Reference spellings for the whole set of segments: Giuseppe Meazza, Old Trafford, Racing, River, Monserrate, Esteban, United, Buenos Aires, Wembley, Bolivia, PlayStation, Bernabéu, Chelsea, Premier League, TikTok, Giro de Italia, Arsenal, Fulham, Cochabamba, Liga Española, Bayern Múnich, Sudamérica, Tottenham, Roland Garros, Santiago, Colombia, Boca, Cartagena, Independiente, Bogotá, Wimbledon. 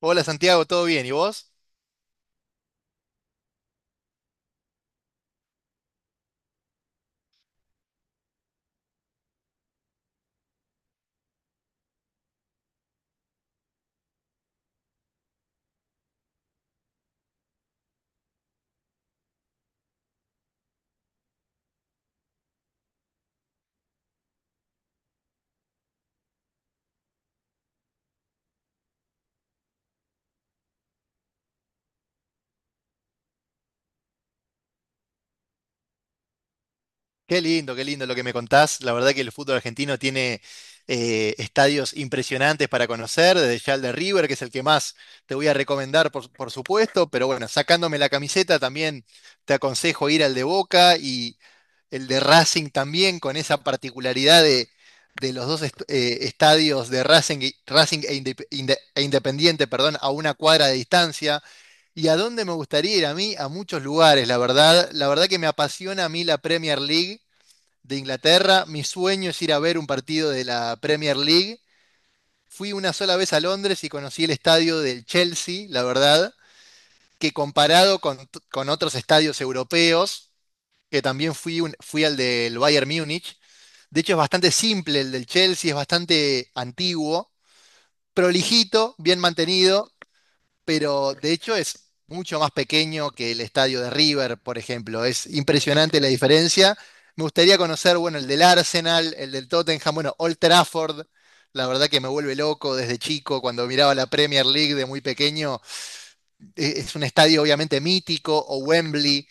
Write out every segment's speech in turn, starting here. Hola Santiago, ¿todo bien? ¿Y vos? Qué lindo lo que me contás. La verdad que el fútbol argentino tiene estadios impresionantes para conocer, desde ya el de River, que es el que más te voy a recomendar, por supuesto, pero bueno, sacándome la camiseta también te aconsejo ir al de Boca y el de Racing también, con esa particularidad de los dos estadios de Racing, Racing e Independiente, perdón, a una cuadra de distancia. ¿Y a dónde me gustaría ir a mí? A muchos lugares, la verdad. La verdad que me apasiona a mí la Premier League de Inglaterra. Mi sueño es ir a ver un partido de la Premier League. Fui una sola vez a Londres y conocí el estadio del Chelsea, la verdad, que comparado con otros estadios europeos, que también fui, fui al del Bayern Múnich. De hecho, es bastante simple el del Chelsea, es bastante antiguo, prolijito, bien mantenido, pero de hecho es mucho más pequeño que el estadio de River, por ejemplo. Es impresionante la diferencia. Me gustaría conocer, bueno, el del Arsenal, el del Tottenham, bueno, Old Trafford. La verdad que me vuelve loco desde chico, cuando miraba la Premier League de muy pequeño. Es un estadio obviamente mítico, o Wembley,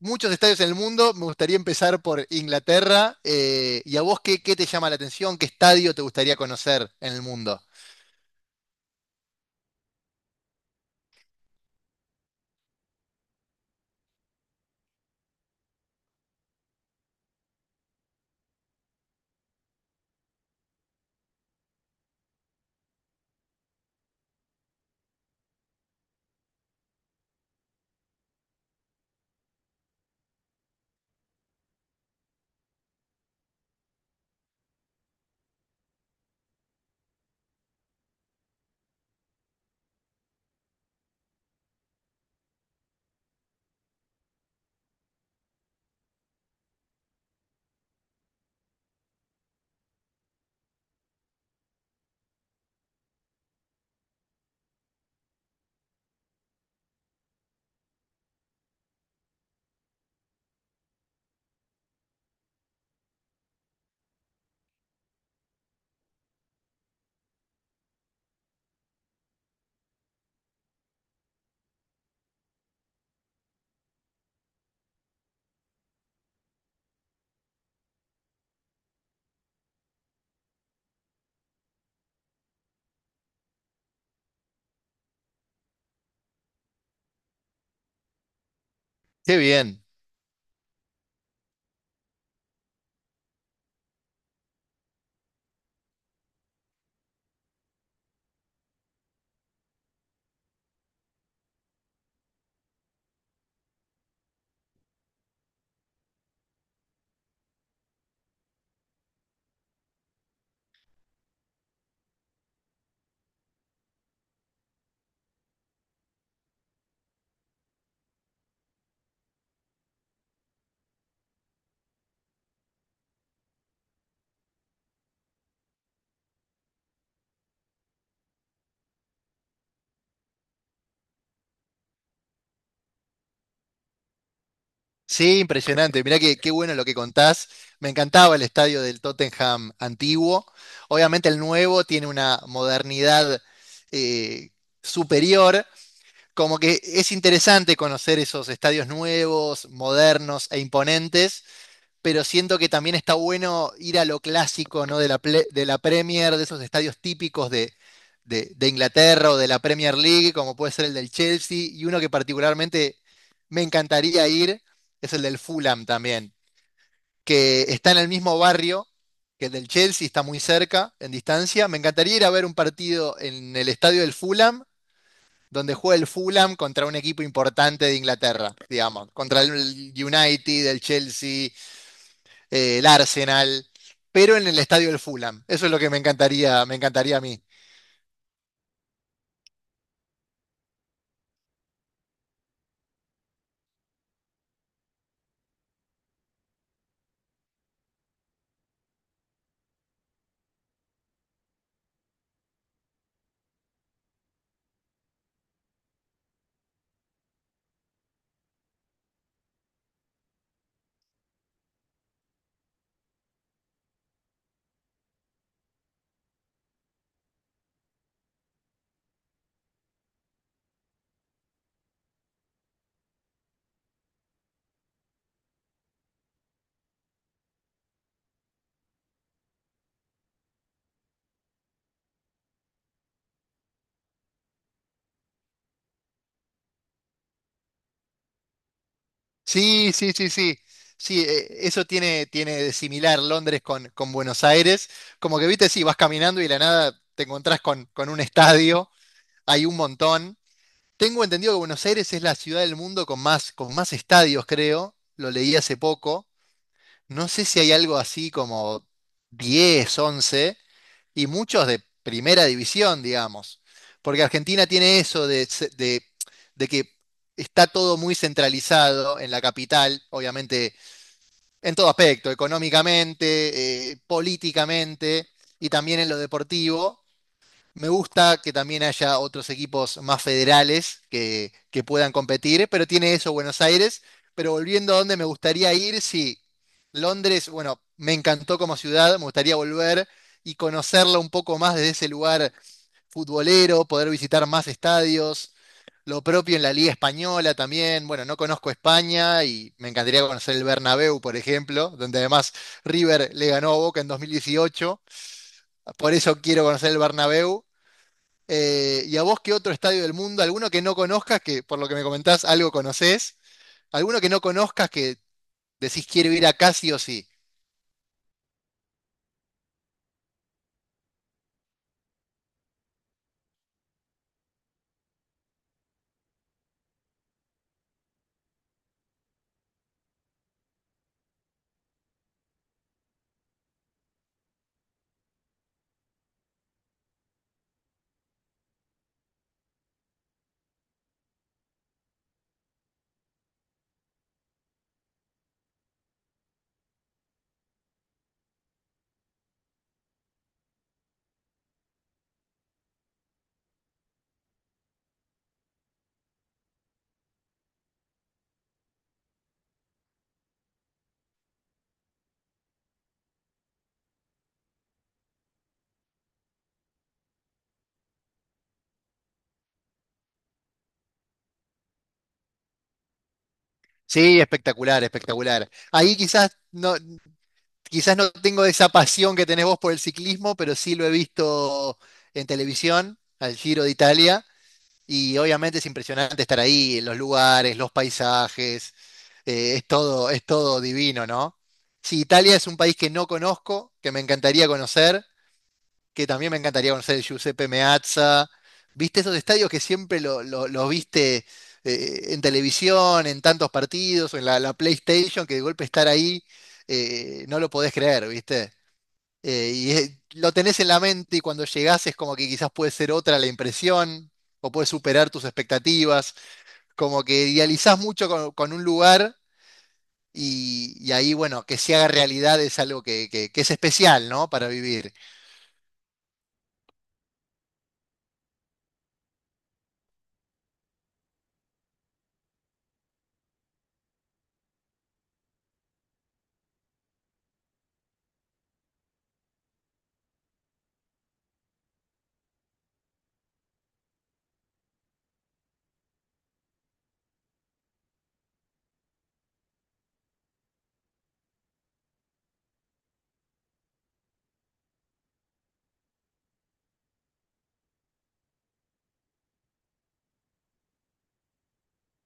muchos estadios en el mundo. Me gustaría empezar por Inglaterra. ¿Y a vos qué, qué te llama la atención? ¿Qué estadio te gustaría conocer en el mundo? Qué bien. Sí, impresionante. Mirá que, qué bueno lo que contás. Me encantaba el estadio del Tottenham antiguo. Obviamente el nuevo tiene una modernidad eh, superior. Como que es interesante conocer esos estadios nuevos, modernos e imponentes. Pero siento que también está bueno ir a lo clásico, ¿no? De la Premier, de esos estadios típicos de, de Inglaterra o de la Premier League, como puede ser el del Chelsea, y uno que particularmente me encantaría ir es el del Fulham también, que está en el mismo barrio que el del Chelsea, está muy cerca, en distancia. Me encantaría ir a ver un partido en el estadio del Fulham, donde juega el Fulham contra un equipo importante de Inglaterra, digamos, contra el United, el Chelsea, el Arsenal, pero en el estadio del Fulham. Eso es lo que me encantaría a mí. Sí, sí, sí, sí. Sí, eso tiene, tiene de similar Londres con Buenos Aires. Como que, viste, sí, vas caminando y de la nada te encontrás con un estadio, hay un montón. Tengo entendido que Buenos Aires es la ciudad del mundo con más estadios, creo. Lo leí hace poco. No sé si hay algo así como 10, once, y muchos de primera división, digamos. Porque Argentina tiene eso de que está todo muy centralizado en la capital, obviamente, en todo aspecto, económicamente, políticamente y también en lo deportivo. Me gusta que también haya otros equipos más federales que puedan competir, pero tiene eso Buenos Aires. Pero volviendo a donde me gustaría ir, sí, Londres, bueno, me encantó como ciudad, me gustaría volver y conocerla un poco más desde ese lugar futbolero, poder visitar más estadios, lo propio en la Liga Española también. Bueno, no conozco España y me encantaría conocer el Bernabéu, por ejemplo, donde además River le ganó a Boca en 2018. Por eso quiero conocer el Bernabéu. ¿Y a vos qué otro estadio del mundo? ¿Alguno que no conozcas, que por lo que me comentás algo conocés? ¿Alguno que no conozcas que decís quiero ir acá sí o sí? Sí, espectacular, espectacular. Ahí quizás no tengo esa pasión que tenés vos por el ciclismo, pero sí lo he visto en televisión, al Giro de Italia, y obviamente es impresionante estar ahí, los lugares, los paisajes, es todo divino, ¿no? Sí, Italia es un país que no conozco, que me encantaría conocer. Que también me encantaría conocer el Giuseppe Meazza. ¿Viste esos estadios que siempre lo, lo viste en televisión, en tantos partidos, o en la, la PlayStation, que de golpe estar ahí, no lo podés creer, ¿viste? Y lo tenés en la mente y cuando llegás es como que quizás puede ser otra la impresión, o puedes superar tus expectativas, como que idealizás mucho con un lugar y ahí, bueno, que se haga realidad es algo que que es especial, ¿no? Para vivir.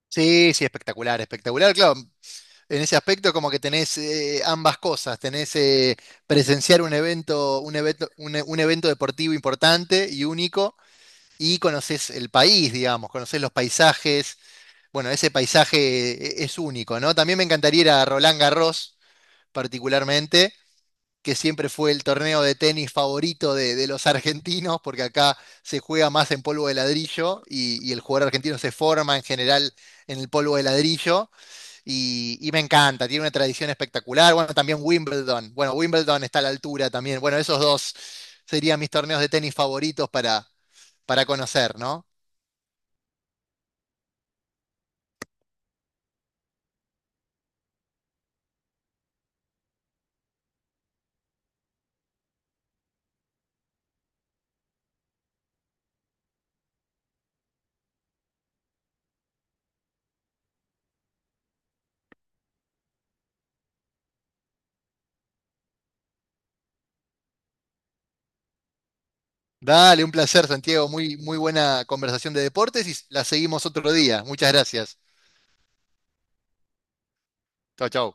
Sí, sí, espectacular, espectacular. Claro, en ese aspecto, como que tenés ambas cosas, tenés presenciar un evento, un evento, un evento deportivo importante y único, y conocés el país, digamos, conocés los paisajes. Bueno, ese paisaje es único, ¿no? También me encantaría ir a Roland Garros, particularmente, que siempre fue el torneo de tenis favorito de los argentinos, porque acá se juega más en polvo de ladrillo y el jugador argentino se forma en general en el polvo de ladrillo. Y me encanta, tiene una tradición espectacular. Bueno, también Wimbledon. Bueno, Wimbledon está a la altura también. Bueno, esos dos serían mis torneos de tenis favoritos para conocer, ¿no? Dale, un placer, Santiago. Muy, muy buena conversación de deportes y la seguimos otro día. Muchas gracias. Chau, chau.